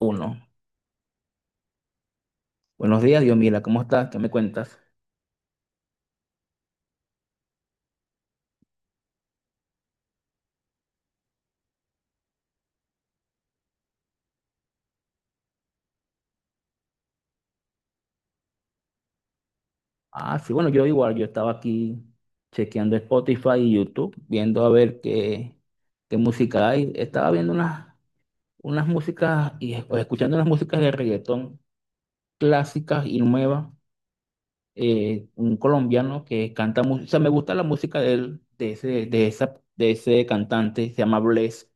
Uno. Buenos días, Diomila, ¿cómo estás? ¿Qué me cuentas? Ah, sí, bueno, yo igual, yo estaba aquí chequeando Spotify y YouTube, viendo a ver qué, qué música hay. Estaba viendo unas, unas músicas o escuchando unas músicas de reggaetón clásicas y nuevas. Un colombiano que canta música, o sea, me gusta la música de él, de ese, de esa, de ese cantante, se llama Bless,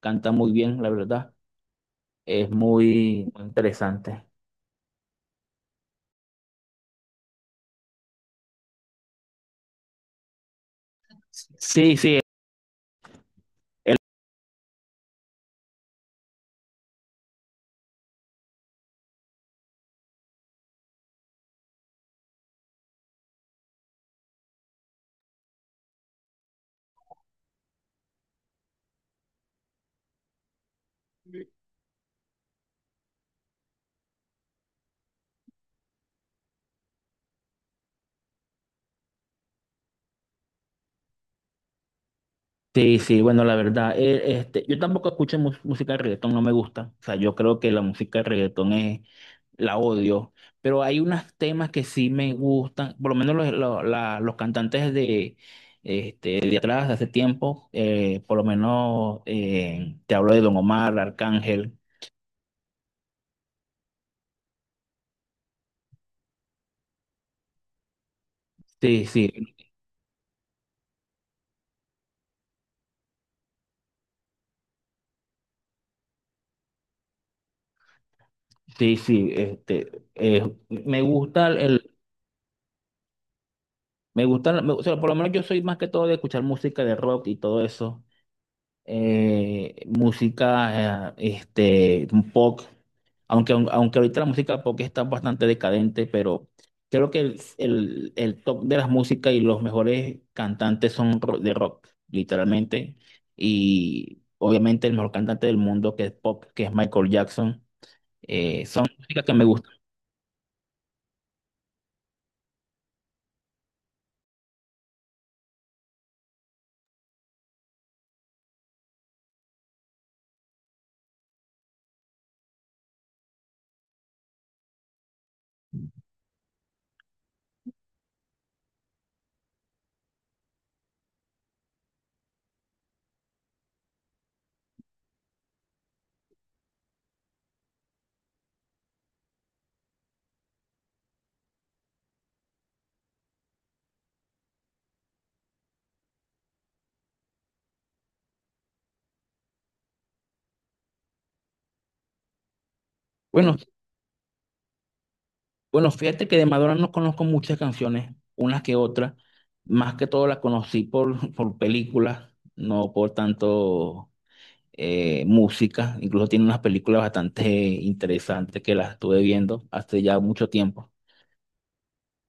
canta muy bien, la verdad, es muy muy interesante. Sí, sí. Sí, sí, bueno, la verdad, este, yo tampoco escucho música de reggaetón, no me gusta. O sea, yo creo que la música de reggaetón es, la odio, pero hay unos temas que sí me gustan, por lo menos los, los cantantes de, este, de atrás, de hace tiempo, por lo menos te hablo de Don Omar, Arcángel. Sí, sí, sí, sí, este, me gusta el, me gusta, o sea, por lo menos yo soy más que todo de escuchar música de rock y todo eso. Música, este, pop, aunque, aunque ahorita la música pop está bastante decadente, pero creo que el top de las músicas y los mejores cantantes son de rock, literalmente, y obviamente el mejor cantante del mundo que es pop, que es Michael Jackson, son músicas que me gustan. Bueno, bueno, fíjate que de Madonna no conozco muchas canciones, unas que otras, más que todo las conocí por, por películas, no por tanto música, incluso tiene unas películas bastante interesantes que las estuve viendo hace ya mucho tiempo.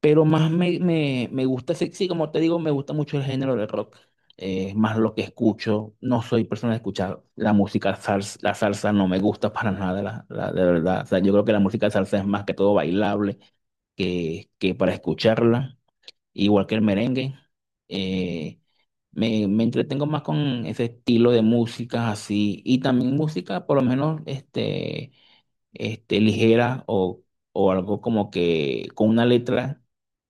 Pero más me, me, me gusta, sí, como te digo, me gusta mucho el género del rock. Es más lo que escucho, no soy persona de escuchar la música salsa, la salsa no me gusta para nada, la, de verdad. O sea, yo creo que la música salsa es más que todo bailable que para escucharla igual que el merengue. eh, Me, me entretengo más con ese estilo de música así y también música por lo menos este, este, ligera o algo como que con una letra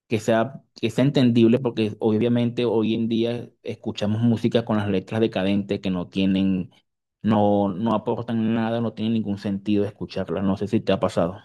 que sea entendible porque obviamente hoy en día escuchamos música con las letras decadentes que no tienen, no, no aportan nada, no tienen ningún sentido escucharlas. No sé si te ha pasado.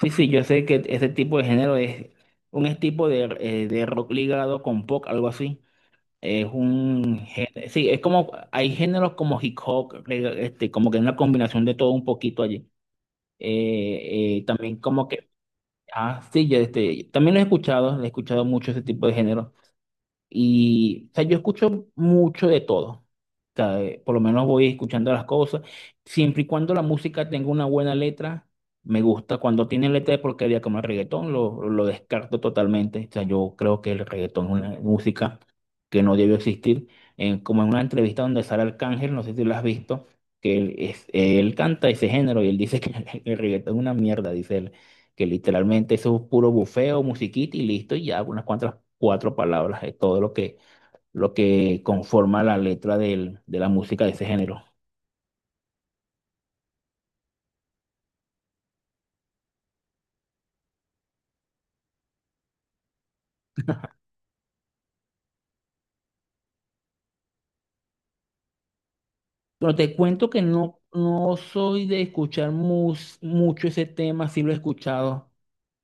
Sí, sí, yo sé que ese tipo de género es un es tipo de rock ligado con pop, algo así. Es un género, sí, es como, hay géneros como hip hop, este, como que es una combinación de todo un poquito allí. También como que, ah, sí, yo este, también lo he escuchado mucho ese tipo de género. Y, o sea, yo escucho mucho de todo. O sea, por lo menos voy escuchando las cosas. Siempre y cuando la música tenga una buena letra, me gusta. Cuando tiene letra de porquería como el reggaetón, lo descarto totalmente. O sea, yo creo que el reggaetón es una música que no debe existir. Como en una entrevista donde Sara Arcángel, no sé si lo has visto, que él, es, él canta ese género y él dice que el reggaetón es una mierda, dice él que literalmente eso es puro bufeo, musiquita y listo, y ya unas cuantas cuatro palabras, es todo lo que conforma la letra de la música de ese género. Bueno te cuento que no, no soy de escuchar mucho ese tema, sí lo he escuchado,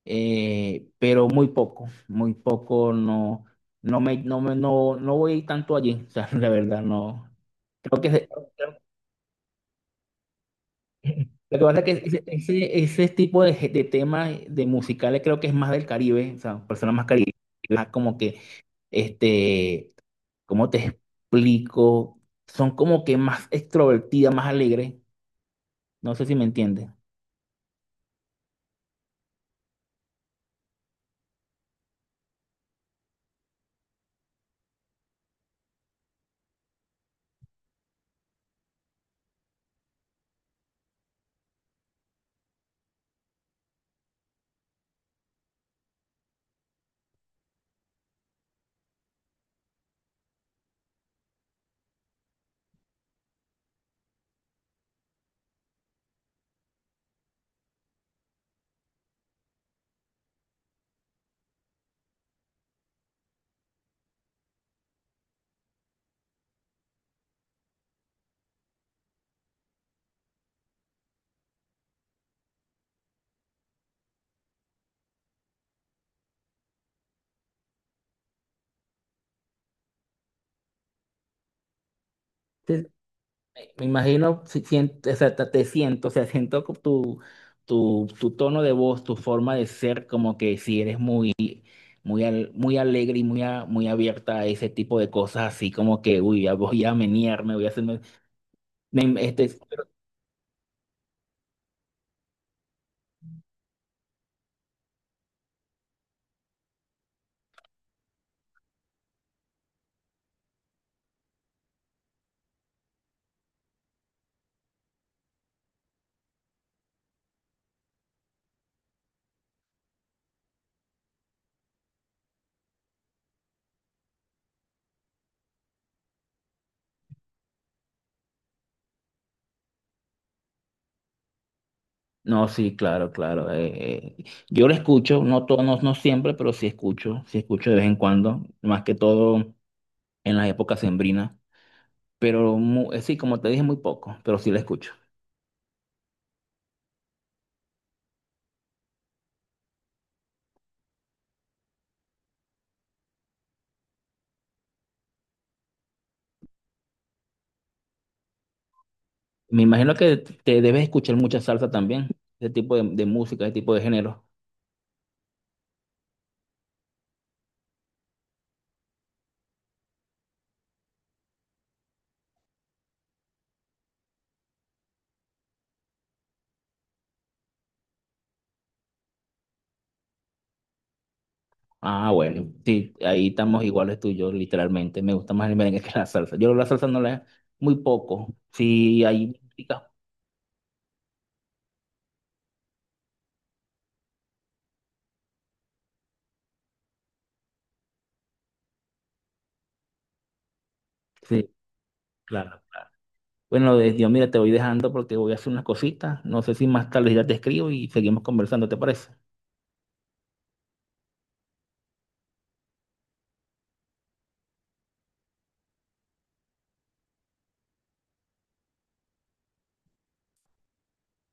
pero muy poco, no, no me, no me, no, no voy tanto allí, o sea, la verdad, no. Creo que, lo que pasa es que ese tipo de, de temas de musicales creo que es más del Caribe, o sea, personas más caribeñas, como que, este, ¿cómo te explico? Son como que más extrovertidas, más alegres, no sé si me entiendes. Te- Me imagino, si siento, o sea, te siento, o sea, tu, tu, tu tono de voz, tu forma de ser, como que si eres muy, muy, muy alegre y muy, muy abierta a ese tipo de cosas, así como que, uy, ya voy a menearme, voy a hacer Me- Este, no, sí, claro, claro. Yo lo escucho, no todos, no, no siempre, pero sí escucho de vez en cuando, más que todo en las épocas sembrinas. Pero sí, como te dije, muy poco, pero sí lo escucho. Me imagino que te debes escuchar mucha salsa también, ese tipo de música, ese tipo de género. Ah, bueno, sí, ahí estamos iguales tú y yo, literalmente. Me gusta más el merengue que la salsa. Yo la salsa no la, muy poco. Sí, hay música. Sí, claro. Bueno, Dios, mira, te voy dejando porque voy a hacer unas cositas. No sé si más tarde ya te escribo y seguimos conversando, ¿te parece?